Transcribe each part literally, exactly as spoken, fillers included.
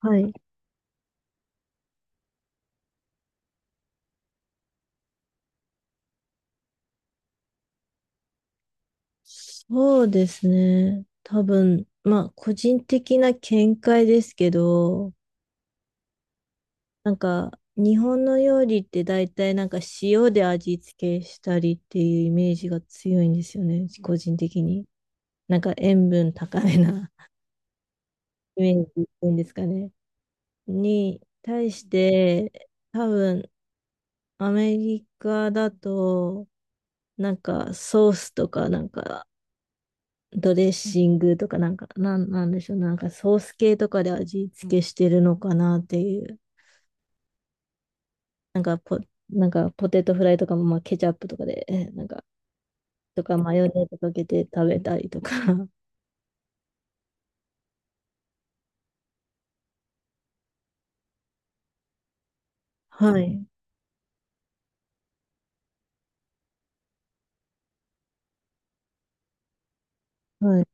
はい。そうですね。多分、まあ、個人的な見解ですけど、なんか、日本の料理って大体なんか塩で味付けしたりっていうイメージが強いんですよね。個人的に。なんか塩分高めな イメージっていうんですかね。に対して、多分、アメリカだと、なんかソースとかなんかドレッシングとかなんか、なん、なんでしょう、なんかソース系とかで味付けしてるのかなっていう。なんかポ、なんかポテトフライとかも、まあ、ケチャップとかで、えなんか、とかマヨネーズかけて食べたりとか。はい。はい。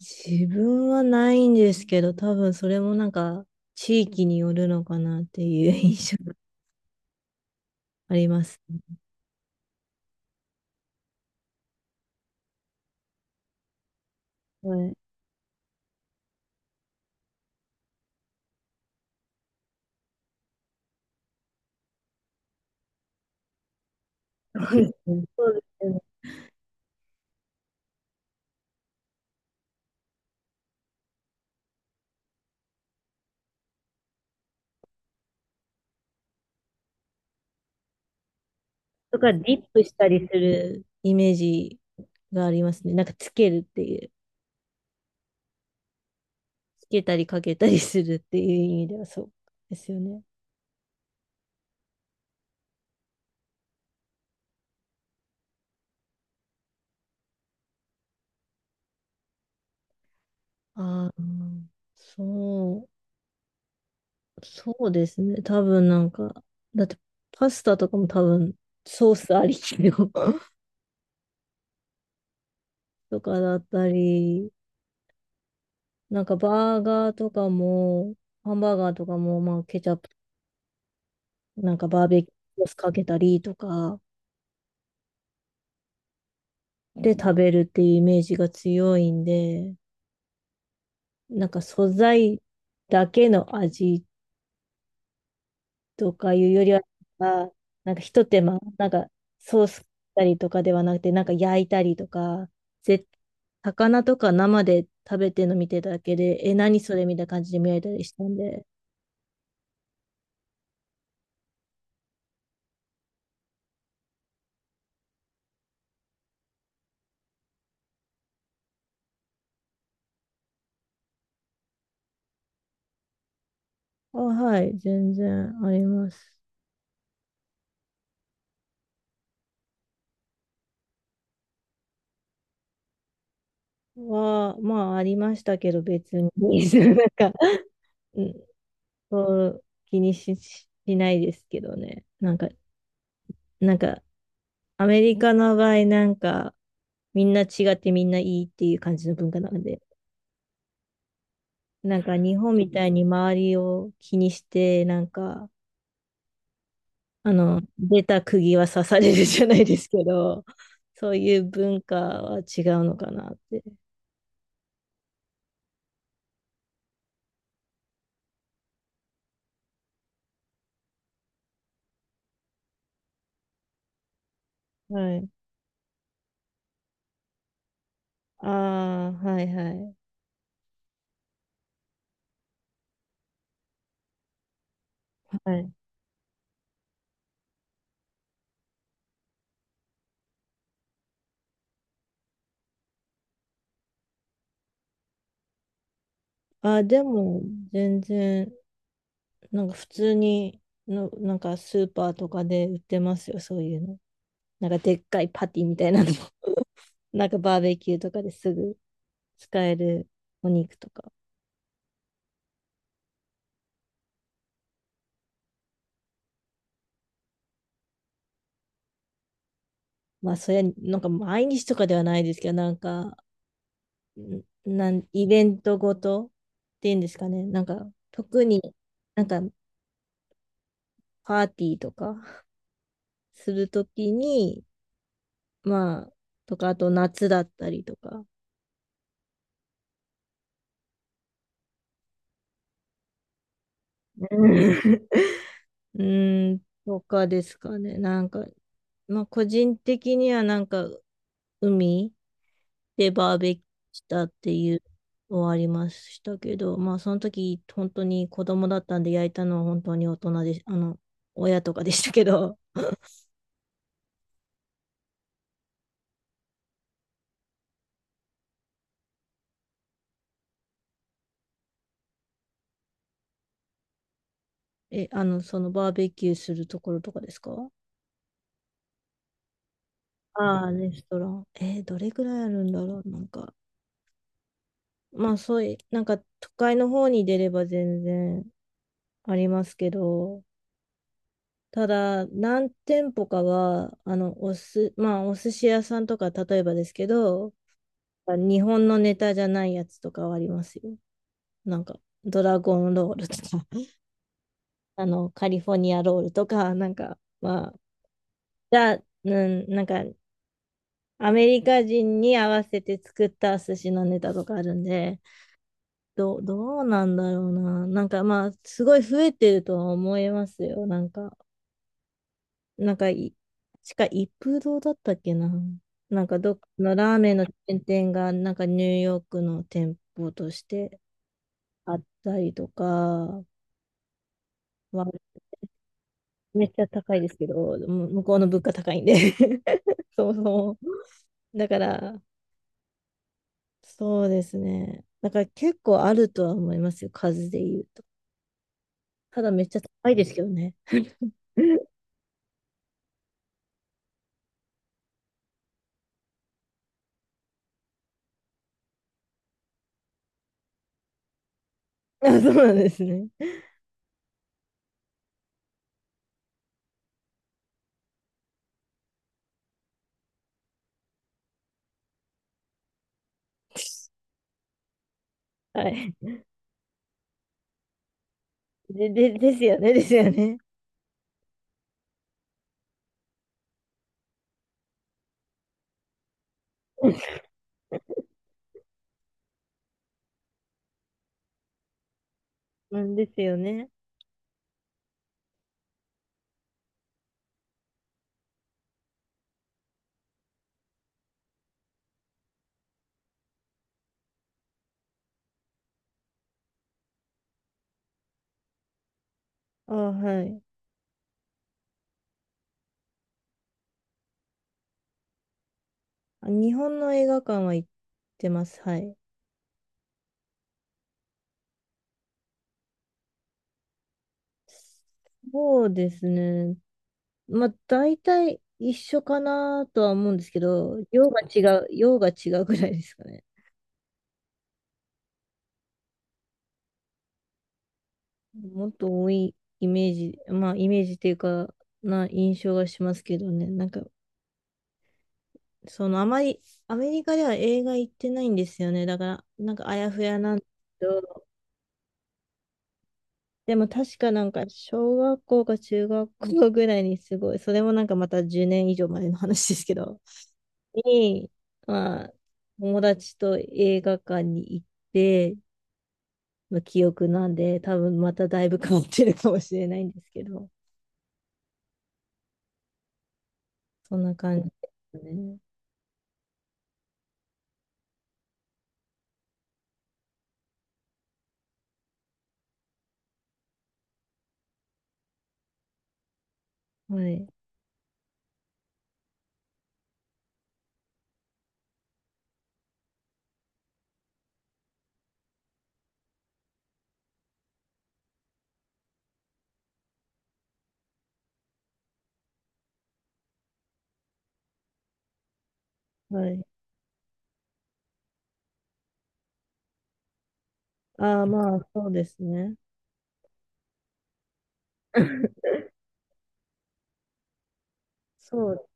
自分はないんですけど、多分それもなんか、地域によるのかなっていう印象があります。はい。そうですよね。とか、ディップしたりするイメージがありますね。なんか、つけるっていう。けたりかけたりするっていう意味ではそうですよね。ああ、そう、そうですね。多分なんか、だってパスタとかも多分ソースありきの とかだったり、なんかバーガーとかも、ハンバーガーとかも、まあケチャップ、なんかバーベキューソースかけたりとかで食べるっていうイメージが強いんで、なんか素材だけの味とかいうよりは、あなんかひと手間、なんかソースしたりとかではなくて、なんか焼いたりとか、ぜ、魚とか生で食べてるの見てただけで、え、何それみたいな感じで見られたりしたんで、あ、はい、全然あります。は、まあ、ありましたけど、別に、なんか、うん、そう気にし、しないですけどね。なんか、なんか、アメリカの場合、なんか、みんな違ってみんないいっていう感じの文化なので、なんか日本みたいに周りを気にして、なんか、あの、出た釘は刺されるじゃないですけど、そういう文化は違うのかなって。はい。ああ、はいはい。はい。ああ、でも、全然、なんか普通にの、なんかスーパーとかで売ってますよ、そういうの。なんかでっかいパティみたいなのも。なんかバーベキューとかですぐ使えるお肉とか。まあ、そりゃ、なんか毎日とかではないですけど、なんか、なん、イベントごとっていうんですかね。なんか、特になんかパーティーとかするときに、まあ、とか、あと夏だったりとか、うんうーん、とかですかね。なんか、まあ、個人的にはなんか、海でバーベキューしたっていうのはありましたけど、まあ、その時、本当に子供だったんで焼いたのは本当に大人で、あの、親とかでしたけど、え、あの、そのバーベキューするところとかですか？ああー、レストラン。えーどれぐらいあるんだろう。なんか、まあそういう、なんか都会の方に出れば全然ありますけど、ただ何店舗かは、あの、おす、まあお寿司屋さんとか例えばですけど、日本のネタじゃないやつとかはありますよ。なんか、ドラゴンロールとか、あの、カリフォルニアロールとか、なんか、まあ、じゃあ、うん、なんかアメリカ人に合わせて作った寿司のネタとかあるんで、どう、どうなんだろうな。なんかまあ、すごい増えてるとは思いますよ。なんか、なんかい、しか一風堂だったっけな。なんかどっかのラーメンのチェーン店が、なんかニューヨークの店舗としてあったりとか、まあ、めっちゃ高いですけど、む向こうの物価高いんで そもそも。だから、そうですね。だから結構あるとは思いますよ、数で言うと。ただめっちゃ高いですけどね。あ、そうなんですね。はい。で、で、ですよね、ですよね。なんですよね。あ、はい。あ日本の映画館は行ってます。はい。そうですね。まあ、大体一緒かなとは思うんですけど、量が違う、量が違うぐらいですかね。もっと多いイメージ、まあイメージっていうか、な印象がしますけどね。なんか、そのあまり、アメリカでは映画行ってないんですよね。だから、なんかあやふやなんですけど、でも確かなんか小学校か中学校ぐらいにすごい、それもなんかまたじゅうねん以上前の話ですけど、に、まあ、友達と映画館に行って、の記憶なんで、多分まただいぶ変わってるかもしれないんですけど、そんな感じですね。はい。はい。ああ、まあ、そうですね。そう。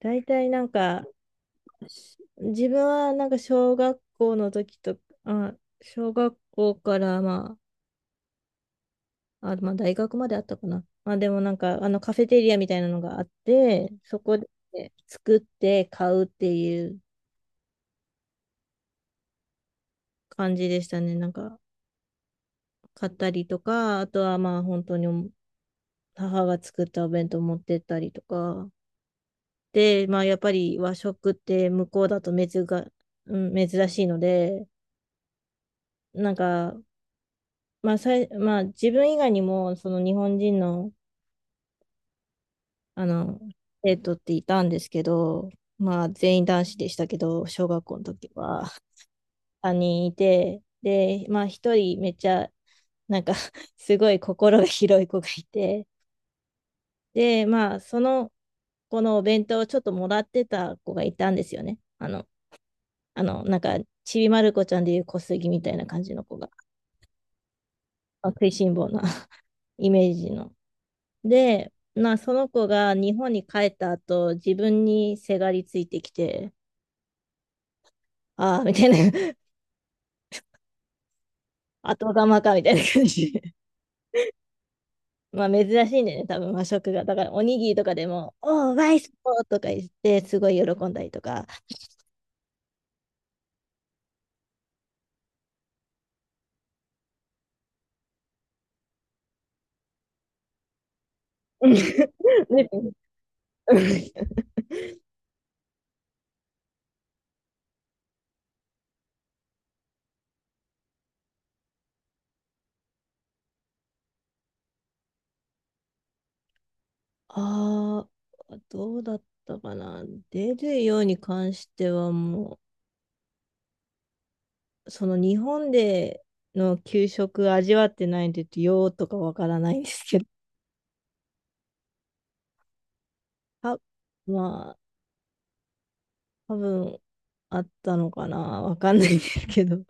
大体なんか、し自分はなんか小学校の時と、あ、小学校からまあ、あ、まあ大学まであったかな。まあでもなんか、あのカフェテリアみたいなのがあって、そこで作って買うっていう感じでしたね。なんか、買ったりとか、あとはまあ本当に母が作ったお弁当持ってったりとか。で、まあ、やっぱり和食って向こうだと珍が、うん、珍しいので、なんか、まあさい、まあ、自分以外にも、その日本人の、あの、生徒っていたんですけど、まあ、全員男子でしたけど、小学校の時はさんにんいて、で、まあ、ひとりめっちゃ、なんか すごい心が広い子がいて、で、まあ、その子のお弁当をちょっともらってた子がいたんですよね。あの、あの、なんか、ちびまる子ちゃんでいう小杉みたいな感じの子が、食いしん坊な イメージの。で、まあ、その子が日本に帰った後、自分にせがりついてきて、ああ、みたいな、後釜か、みたいな感じで。まあ、珍しいんだよね、多分和食が。だから、おにぎりとかでも、おー、ワイスポーとか言って、すごい喜んだりとか。ね ああ、どうだったかな。出るように関してはもその日本での給食味わってないんで、ようとかわからないんですけど、あ、まあ、多分あったのかな、わかんないですけど、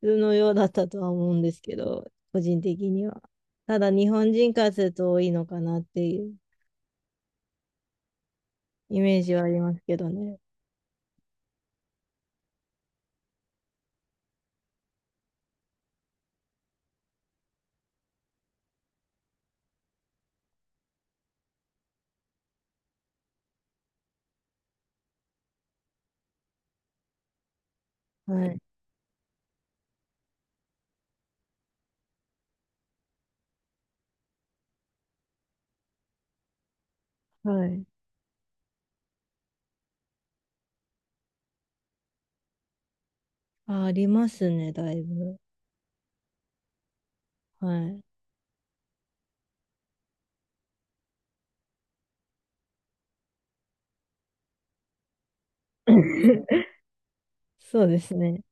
普通のようだったとは思うんですけど、個人的には。ただ、日本人からすると多いのかなっていうイメージはありますけどね。はい。はい。あ、ありますね、だいぶ。はい。そうですね。